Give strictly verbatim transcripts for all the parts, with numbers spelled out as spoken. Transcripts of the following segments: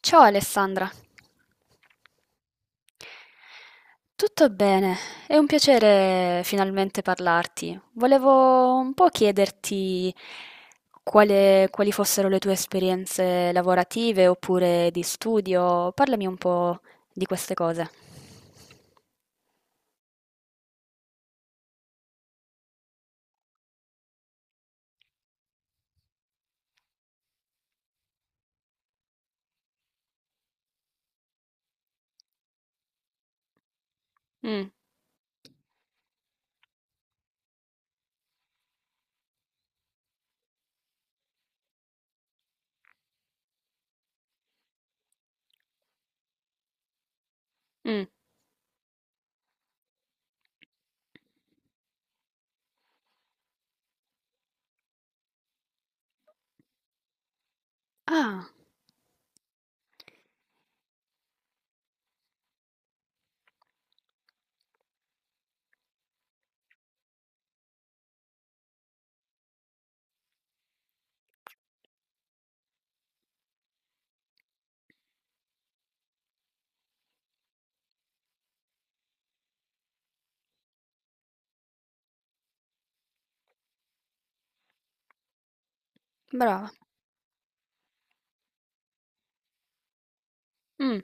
Ciao Alessandra. Tutto bene, è un piacere finalmente parlarti. Volevo un po' chiederti quale- quali fossero le tue esperienze lavorative oppure di studio. Parlami un po' di queste cose. Mm, mm. Ah, brava. Mm,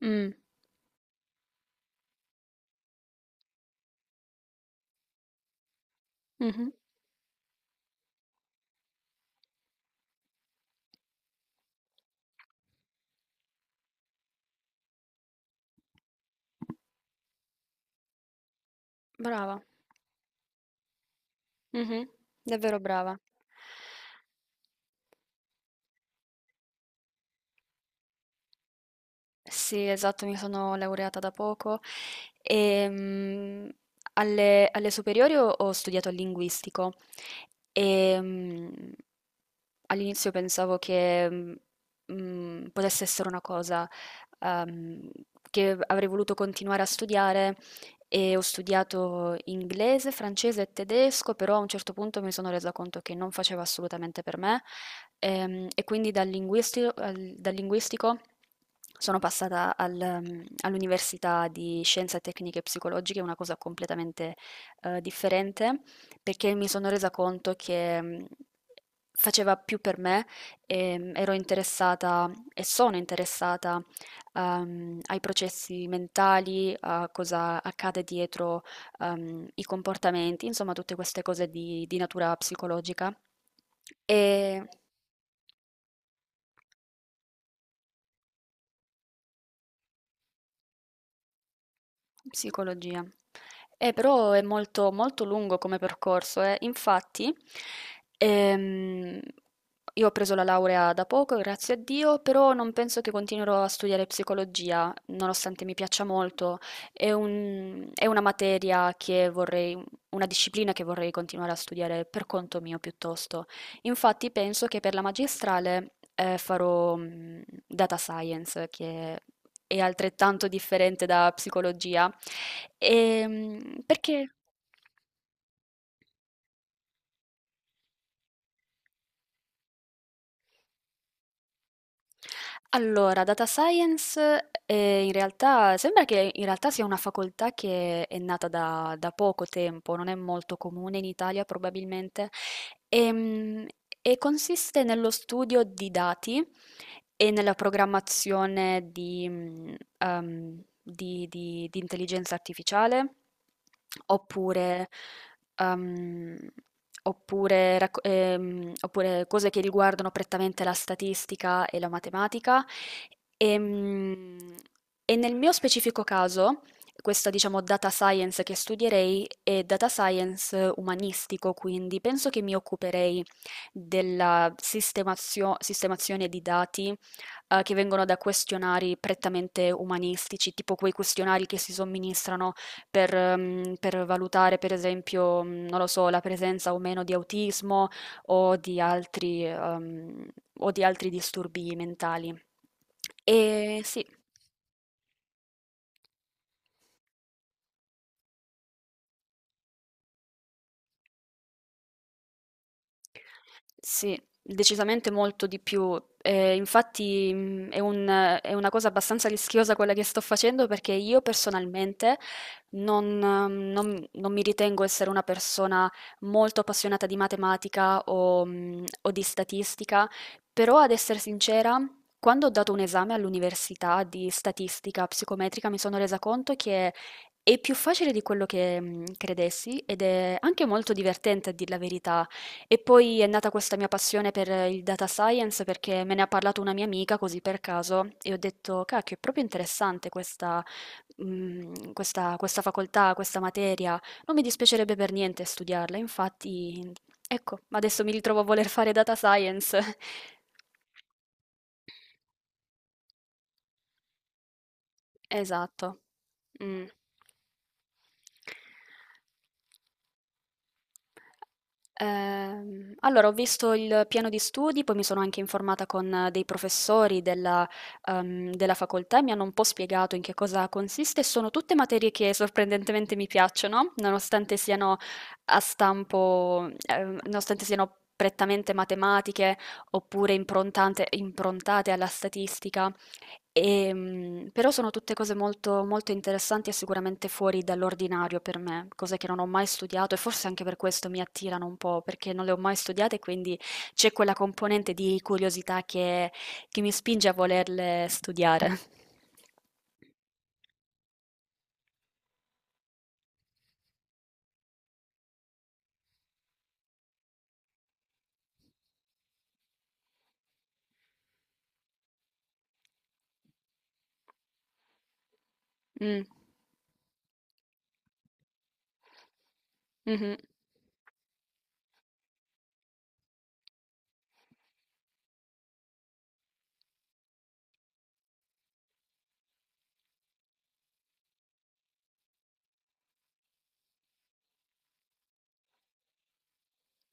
mm, mhm. Brava. Mhm. Davvero brava. Sì, esatto, mi sono laureata da poco e mm, alle, alle superiori ho, ho studiato il linguistico e mm, all'inizio pensavo che mm, mm, potesse essere una cosa ehm, che avrei voluto continuare a studiare e ho studiato inglese, francese e tedesco, però a un certo punto mi sono resa conto che non faceva assolutamente per me. Ehm, e quindi dal linguisti- al- dal linguistico sono passata al, ehm, all'università di Scienze Tecniche e Psicologiche, una cosa completamente eh, differente, perché mi sono resa conto che mh, faceva più per me, ehm, ero interessata e sono interessata ehm, ai processi mentali, a cosa accade dietro ehm, i comportamenti, insomma tutte queste cose di, di natura psicologica. E. Psicologia. Eh, però è molto, molto lungo come percorso, eh. Infatti, ehm, io ho preso la laurea da poco, grazie a Dio, però non penso che continuerò a studiare psicologia, nonostante mi piaccia molto. È un- è una materia che vorrei, una disciplina che vorrei continuare a studiare per conto mio piuttosto. Infatti, penso che per la magistrale, eh, farò, mm, data science, che è altrettanto differente da psicologia. Ehm, perché. Allora, data science, eh, in realtà sembra che in realtà sia una facoltà che è nata da, da poco tempo, non è molto comune in Italia probabilmente, ehm, e consiste nello studio di dati e nella programmazione di, mm, ehm, di- di- di intelligenza artificiale, oppure, ehm, oppure racco- ehm, oppure cose che riguardano prettamente la statistica e la matematica. Ehm, E, nel mio specifico caso, questa diciamo data science che studierei è data science umanistico, quindi penso che mi occuperei della sistemazio- sistemazione di dati eh, che vengono da questionari prettamente umanistici, tipo quei questionari che si somministrano per, ehm, per valutare, per esempio, mh, non lo so, la presenza o meno di autismo o di altri, ehm, o di altri disturbi mentali. E sì. Sì, decisamente molto di più. Eh, infatti mh, è un- è una cosa abbastanza rischiosa quella che sto facendo perché io personalmente non, ehm, non- non mi ritengo essere una persona molto appassionata di matematica o, mh, o di statistica, però ad essere sincera, quando ho dato un esame all'università di statistica psicometrica mi sono resa conto che è più facile di quello che mh, credessi ed è anche molto divertente a dir la verità. E poi è nata questa mia passione per il data science perché me ne ha parlato una mia amica così per caso e ho detto, cacchio, è proprio interessante questa, mm, questa, questa facoltà, questa materia. Non mi dispiacerebbe per niente studiarla, infatti, ecco, adesso mi ritrovo a voler fare data science. Esatto. Mm. Ehm, allora ho visto il piano di studi, poi mi sono anche informata con eh, dei professori della, ehm, della facoltà e mi hanno un po' spiegato in che cosa consiste. Sono tutte materie che sorprendentemente mi piacciono, nonostante siano a stampo, ehm, nonostante siano prettamente matematiche oppure improntante- improntate alla statistica. Ehm, però sono tutte cose molto, molto interessanti e sicuramente fuori dall'ordinario per me, cose che non ho mai studiato e forse anche per questo mi attirano un po', perché non le ho mai studiate e quindi c'è quella componente di curiosità che, che mi spinge a volerle studiare. Mm, mhm,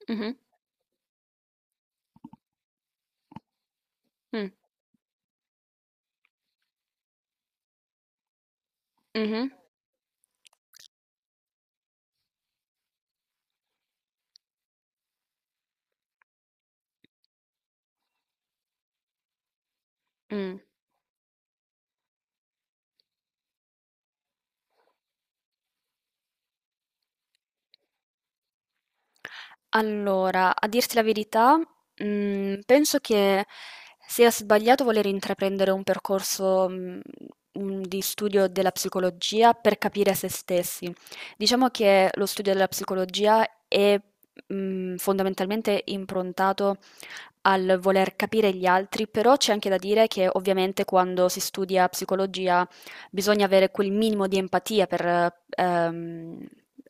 mhm, mm, mhm, mm. Allora, a dirti la verità, mhmm, penso che sia sbagliato voler intraprendere un percorso, mhmm, mhmm, di studio della psicologia per capire se stessi. Diciamo che lo studio della psicologia è mhmm, fondamentalmente improntato al voler capire gli altri, però c'è anche da dire che ovviamente quando si studia psicologia bisogna avere quel minimo di empatia per, ehm,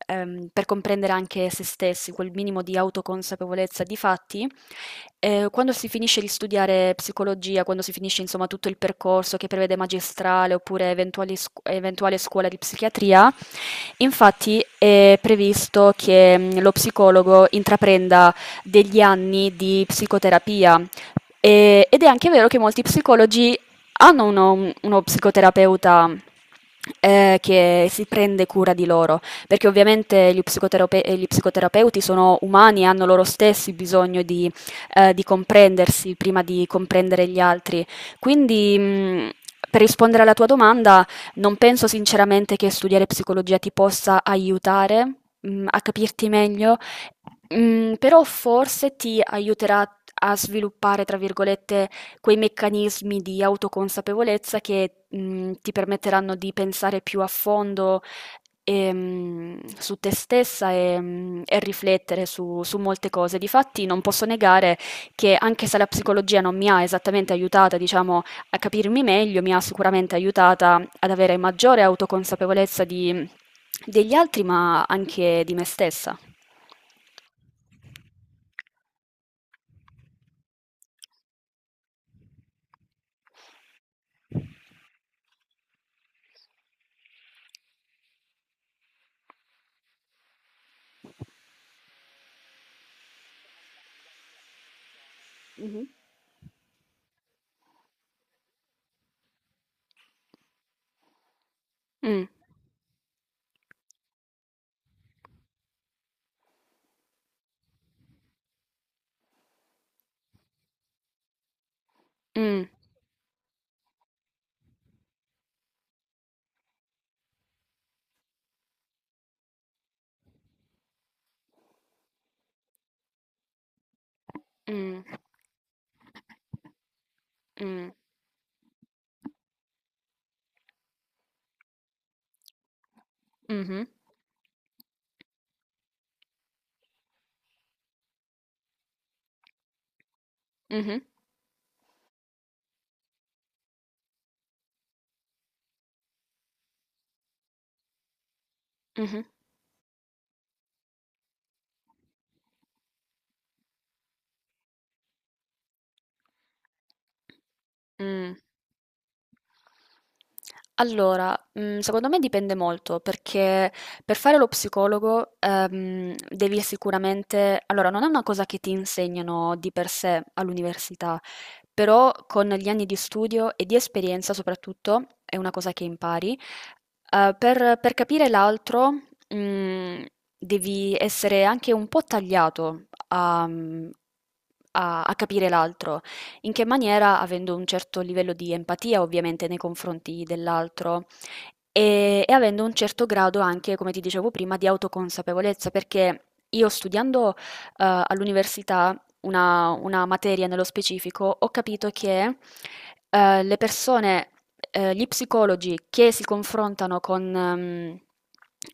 ehm, per comprendere anche se stessi, quel minimo di autoconsapevolezza. Difatti, eh, quando si finisce di studiare psicologia, quando si finisce insomma tutto il percorso che prevede magistrale oppure eventuali scu- eventuale scuola di psichiatria, infatti è previsto che mm, lo psicologo intraprenda degli anni di psicoterapia. E- ed è anche vero che molti psicologi hanno uno, uno psicoterapeuta eh, che si prende cura di loro, perché ovviamente gli psicoterape- gli psicoterapeuti sono umani e hanno loro stessi bisogno di, eh, di comprendersi prima di comprendere gli altri. Quindi, mh, per rispondere alla tua domanda, non penso sinceramente che studiare psicologia ti possa aiutare mh, a capirti meglio. Mhmm, però forse ti aiuterà a sviluppare, tra virgolette, quei meccanismi di autoconsapevolezza che mhmm, ti permetteranno di pensare più a fondo, ehm, su te stessa e mhmm, e riflettere su su molte cose. Difatti non posso negare che anche se la psicologia non mi ha esattamente aiutata, diciamo, a capirmi meglio, mi ha sicuramente aiutata ad avere maggiore autoconsapevolezza di degli altri, ma anche di me stessa. Mh, mh, mh. Mh. Mh-mh. Mh-mh. Mh-mh. Mh. Allora, mhmm, secondo me dipende molto, perché per fare lo psicologo, ehm, devi sicuramente, allora, non è una cosa che ti insegnano di per sé all'università, però con gli anni di studio e di esperienza soprattutto, è una cosa che impari, uhm, per per capire l'altro, mhmm, devi essere anche un po' tagliato a mhmm, a a capire l'altro, in che maniera, avendo un certo livello di empatia ovviamente nei confronti dell'altro e, e avendo un certo grado anche, come ti dicevo prima, di autoconsapevolezza, perché io studiando eh, all'università una, una materia nello specifico ho capito che eh, le persone, eh, gli psicologi che si confrontano con ehm,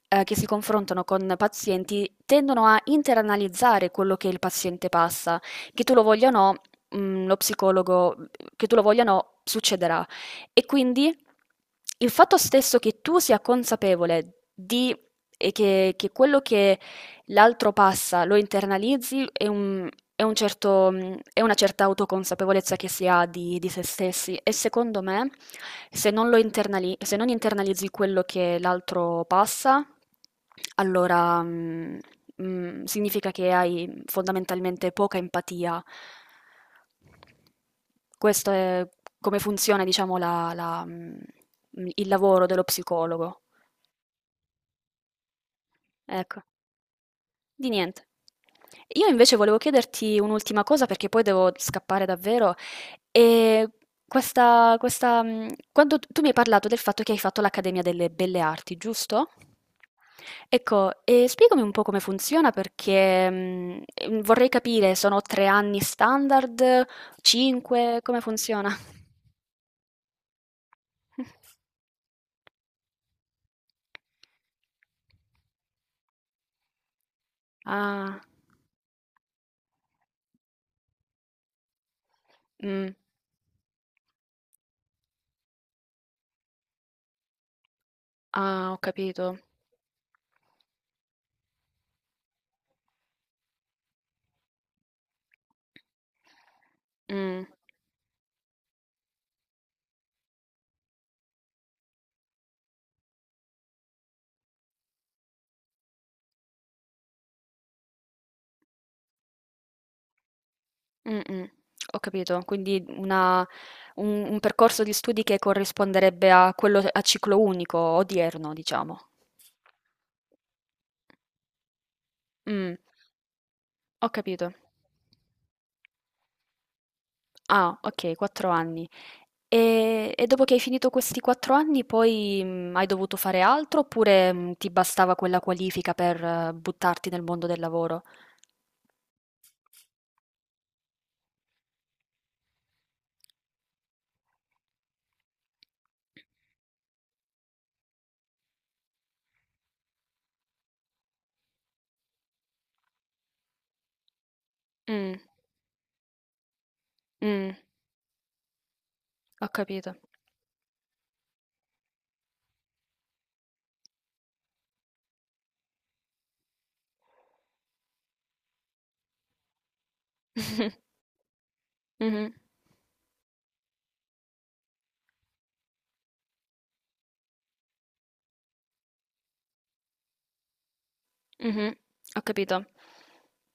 eh, che si confrontano con pazienti tendono a interanalizzare quello che il paziente passa, che tu lo voglia o no, mhmm, lo psicologo, mhmm, che tu lo voglia o no, succederà. E quindi il fatto stesso che tu sia consapevole di ehm, che che quello che l'altro passa, lo internalizzi, è un, è un certo, mh, è una certa autoconsapevolezza che si ha di, di se stessi, e secondo me se non lo internali- se non internalizzi quello che l'altro passa, allora mh, mh, significa che hai fondamentalmente poca empatia. Questo è come funziona, diciamo, la- la, mh, il lavoro dello psicologo. Ecco. Di niente. Io invece volevo chiederti un'ultima cosa perché poi devo scappare davvero. E questa, questa, mh, quando tu mi hai parlato del fatto che hai fatto l'Accademia delle Belle Arti, giusto? Ecco, e spiegami un po' come funziona perché mh, eh, vorrei capire, sono tre anni standard, cinque, come funziona? Ah, mm, ah, ho capito. Mm. Mh-mh, ho capito. Quindi una un un percorso di studi che corrisponderebbe a quello a ciclo unico odierno, diciamo. Mh, ho capito. Ah, okay, quattro anni. E e dopo che hai finito questi quattro anni poi, mhmm, hai dovuto fare altro oppure, mhmm, ti bastava quella qualifica per eh, buttarti nel mondo del lavoro? Mh, mh, ho capito. Mh-mh. Mh-mh, ho capito.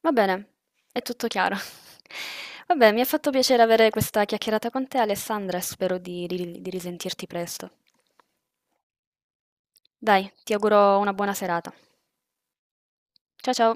Va bene, è tutto chiaro. Vabbè, mi ha fatto piacere avere questa chiacchierata con te, Alessandra, e spero di ri di risentirti presto. Dai, ti auguro una buona serata. Cia ciao.